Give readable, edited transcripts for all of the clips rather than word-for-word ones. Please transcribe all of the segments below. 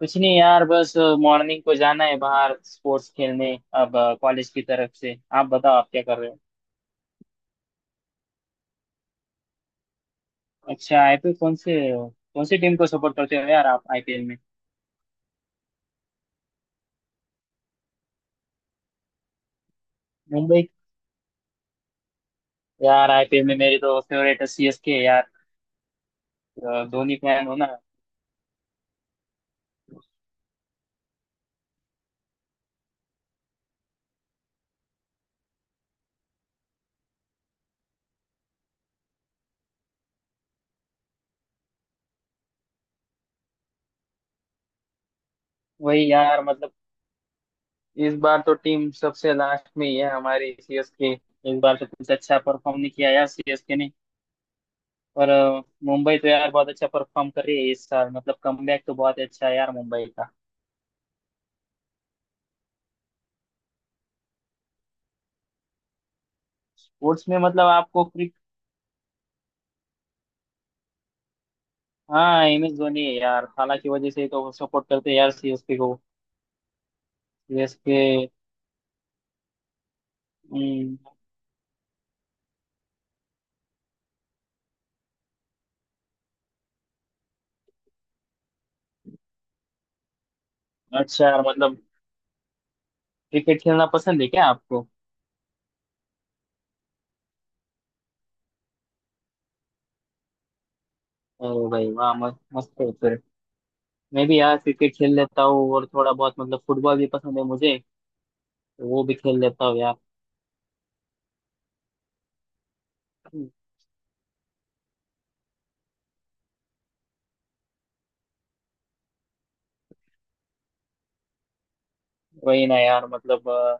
कुछ नहीं यार, बस मॉर्निंग को जाना है बाहर स्पोर्ट्स खेलने। अब कॉलेज की तरफ से। आप बताओ, आप क्या कर रहे हो? अच्छा, IPL कौन से? कौन सी टीम को सपोर्ट करते हो यार आप IPL में? मुंबई? यार IPL में मेरी तो फेवरेट है CSK यार। धोनी फैन हो ना। वही यार, मतलब इस बार तो टीम सबसे लास्ट में ही है हमारी, CSK इस बार तो कुछ अच्छा परफॉर्म नहीं किया यार CSK ने। पर मुंबई तो यार बहुत अच्छा परफॉर्म कर रही है इस साल, मतलब कमबैक तो बहुत अच्छा है यार मुंबई का। स्पोर्ट्स में मतलब आपको। हाँ, MS धोनी है यार, खाला की वजह से ही तो सपोर्ट करते हैं यार CSK को। CSK। अच्छा यार, मतलब क्रिकेट खेलना पसंद है क्या आपको? अरे भाई वाह! मस्त है फिर। मैं भी यार क्रिकेट खेल लेता हूँ और थोड़ा बहुत मतलब फुटबॉल भी पसंद है मुझे, तो वो भी खेल लेता हूँ यार। वही ना यार, मतलब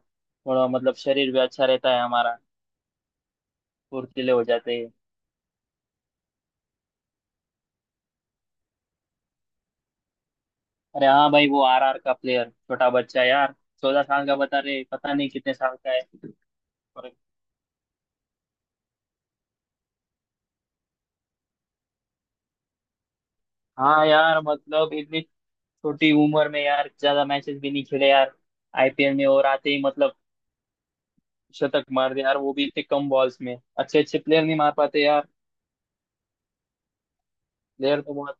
थोड़ा मतलब शरीर भी अच्छा रहता है हमारा, फुर्तीले हो जाते हैं। अरे हाँ भाई, वो RR का प्लेयर, छोटा बच्चा यार। 14 साल का बता रहे, पता नहीं कितने साल का है। और हाँ यार मतलब इतनी छोटी उम्र में यार, ज्यादा मैचेस भी नहीं खेले यार IPL में, और आते ही मतलब शतक मार दे यार, वो भी इतने कम बॉल्स में! अच्छे अच्छे प्लेयर नहीं मार पाते यार, प्लेयर तो बहुत।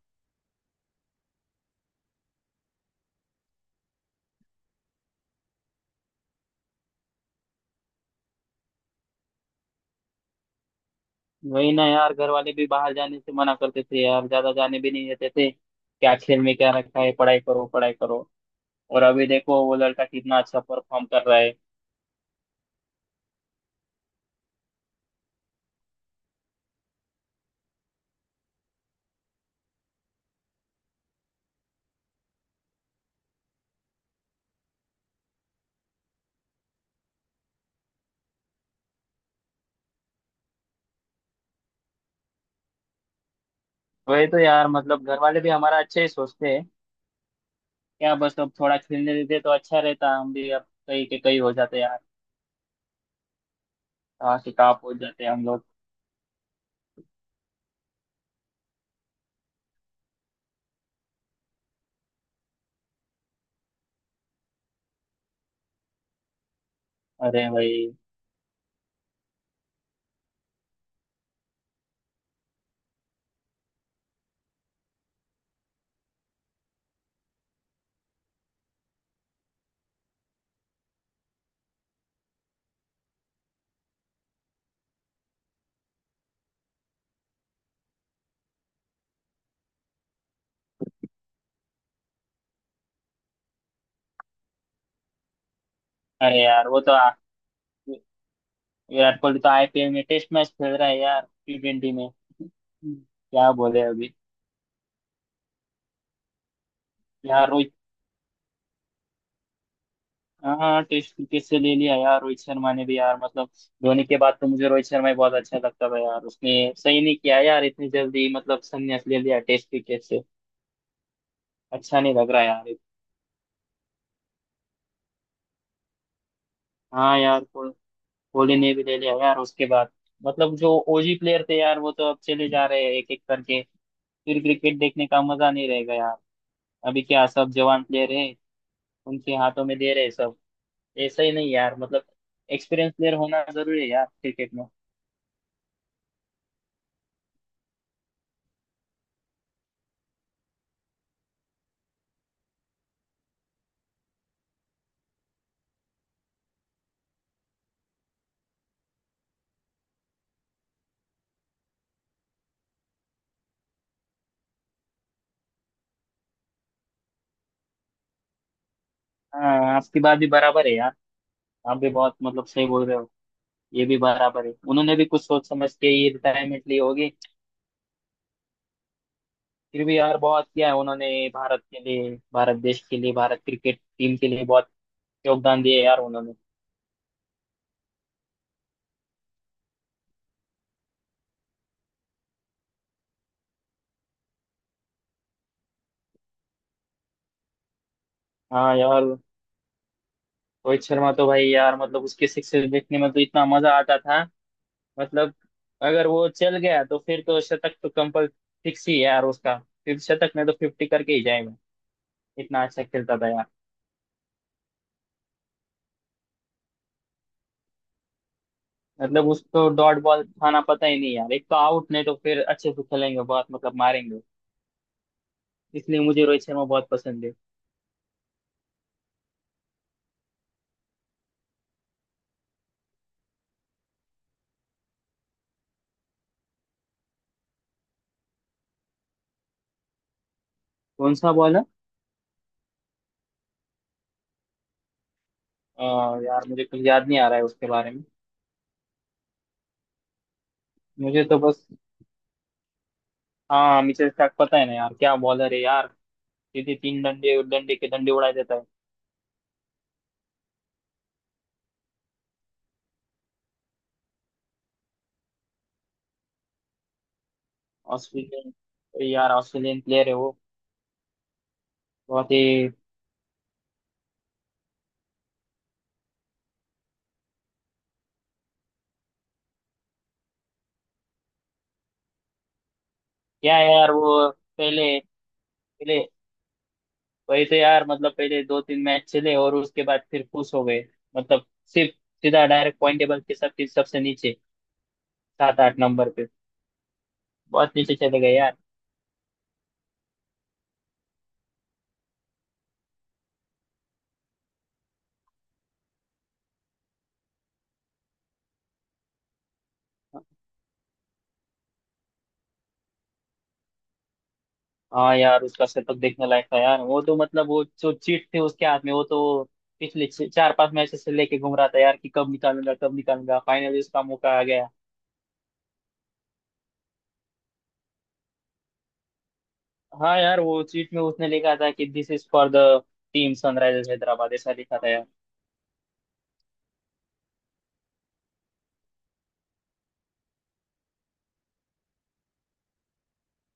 वही ना यार, घर वाले भी बाहर जाने से मना करते थे यार, ज्यादा जाने भी नहीं देते थे। क्या खेल में क्या रखा है, पढ़ाई करो पढ़ाई करो। और अभी देखो वो लड़का कितना अच्छा परफॉर्म कर रहा है। वही तो यार, मतलब घर वाले भी हमारा अच्छा ही सोचते हैं क्या, बस अब थोड़ा खेलने देते तो अच्छा रहता, हम भी अब कहीं के कहीं हो जाते यार, कहाँ से कहाँ पहुंच जाते हम लोग। अरे भाई! अरे यार वो तो विराट कोहली तो IPL में टेस्ट मैच खेल रहा है यार, T20 में। क्या बोले अभी? यार रोहित। हाँ, टेस्ट क्रिकेट से ले लिया यार रोहित शर्मा ने भी यार, मतलब धोनी के बाद तो मुझे रोहित शर्मा ही बहुत अच्छा लगता था यार, उसने सही नहीं किया यार, इतनी जल्दी मतलब संन्यास ले लिया टेस्ट क्रिकेट से। अच्छा नहीं लग रहा यार। हाँ यार, कोहली ने भी ले लिया यार उसके बाद। मतलब जो OG प्लेयर थे यार, वो तो अब चले जा रहे हैं एक एक करके। फिर क्रिकेट देखने का मजा नहीं रहेगा यार। अभी क्या, सब जवान प्लेयर है, उनके हाथों में दे रहे हैं सब। ऐसा ही नहीं यार, मतलब एक्सपीरियंस प्लेयर होना जरूरी है यार क्रिकेट में। हाँ, आपकी बात भी बराबर है यार, आप भी बहुत मतलब सही बोल रहे हो। ये भी बराबर है, उन्होंने भी कुछ सोच समझ के ये रिटायरमेंट ली होगी। फिर भी यार बहुत किया है उन्होंने, भारत के लिए, भारत देश के लिए, भारत क्रिकेट टीम के लिए बहुत योगदान दिए यार उन्होंने। हाँ यार, रोहित शर्मा तो भाई यार मतलब उसके सिक्स देखने में तो इतना मजा आता था मतलब, अगर वो चल गया तो फिर तो शतक तो कंपल फिक्स ही है यार उसका। फिर शतक नहीं तो फिफ्टी करके ही जाएगा, इतना अच्छा खेलता था यार। मतलब उसको डॉट बॉल खाना पता ही नहीं यार, एक तो आउट नहीं तो फिर अच्छे से खेलेंगे, बहुत मतलब मारेंगे। इसलिए मुझे रोहित शर्मा बहुत पसंद है। कौन सा बॉल है? अ, यार मुझे कुछ याद नहीं आ रहा है उसके बारे में। मुझे तो बस। हाँ, मिचेल स्टार्क पता है ना यार, क्या बॉलर है यार! सीधे तीन डंडे, डंडे के डंडे उड़ा देता है। ऑस्ट्रेलियन यार, ऑस्ट्रेलियन प्लेयर है वो, बहुत ही। क्या यार वो पहले पहले वही तो यार, मतलब पहले दो तीन मैच चले और उसके बाद फिर खुश हो गए मतलब, सिर्फ सीधा डायरेक्ट पॉइंट टेबल के सब सबसे नीचे, सात आठ नंबर पे, बहुत नीचे चले गए यार। हाँ यार, उसका शतक देखने लायक था यार वो तो, मतलब वो जो चीट थे उसके हाथ में, वो तो पिछले चार पांच मैच से लेके घूम रहा था यार कि कब निकालूंगा कब निकालूंगा, फाइनली उसका मौका आ गया। हाँ यार वो चीट में उसने लिखा था कि "this is for the team Sunrisers Hyderabad", ऐसा लिखा था।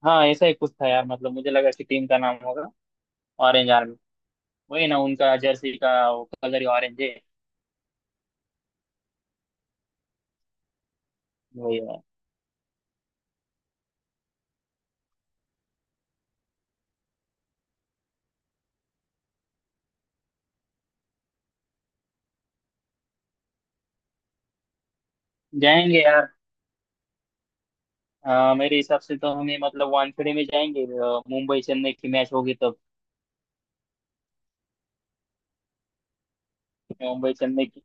हाँ, ऐसा ही कुछ था यार, मतलब मुझे लगा कि टीम का नाम होगा ऑरेंज आर्मी, वही ना उनका जर्सी का वो कलर ही ऑरेंज है, वही है। जाएंगे यार। मेरे हिसाब से तो हमें मतलब वानखेड़े में जाएंगे, मुंबई चेन्नई की मैच होगी तब। मुंबई चेन्नई की।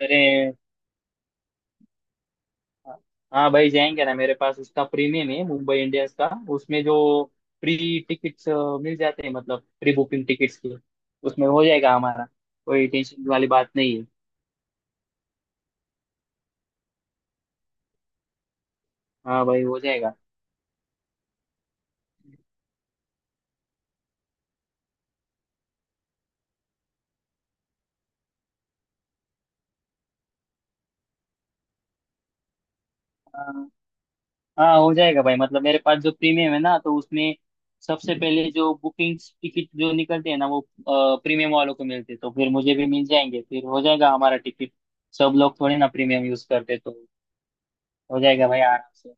अरे हाँ भाई, जाएंगे ना, मेरे पास उसका प्रीमियम है मुंबई इंडियंस का, उसमें जो प्री टिकट्स मिल जाते हैं, मतलब प्री बुकिंग टिकट्स की, उसमें हो जाएगा हमारा, कोई टेंशन वाली बात नहीं है। हाँ भाई हो जाएगा। हाँ, हो जाएगा भाई, मतलब मेरे पास जो प्रीमियम है ना तो उसमें सबसे पहले जो बुकिंग टिकट जो निकलते हैं ना, वो प्रीमियम वालों को मिलते हैं, तो फिर मुझे भी मिल जाएंगे, फिर हो जाएगा हमारा टिकट। सब लोग थोड़ी ना प्रीमियम यूज करते तो। हो जाएगा भाई आराम से।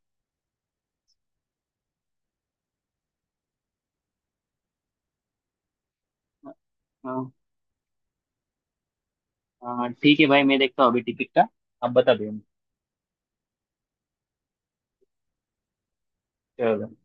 हाँ हाँ हाँ, ठीक है भाई, मैं देखता हूँ अभी टिकट का, आप बता दो। चलो।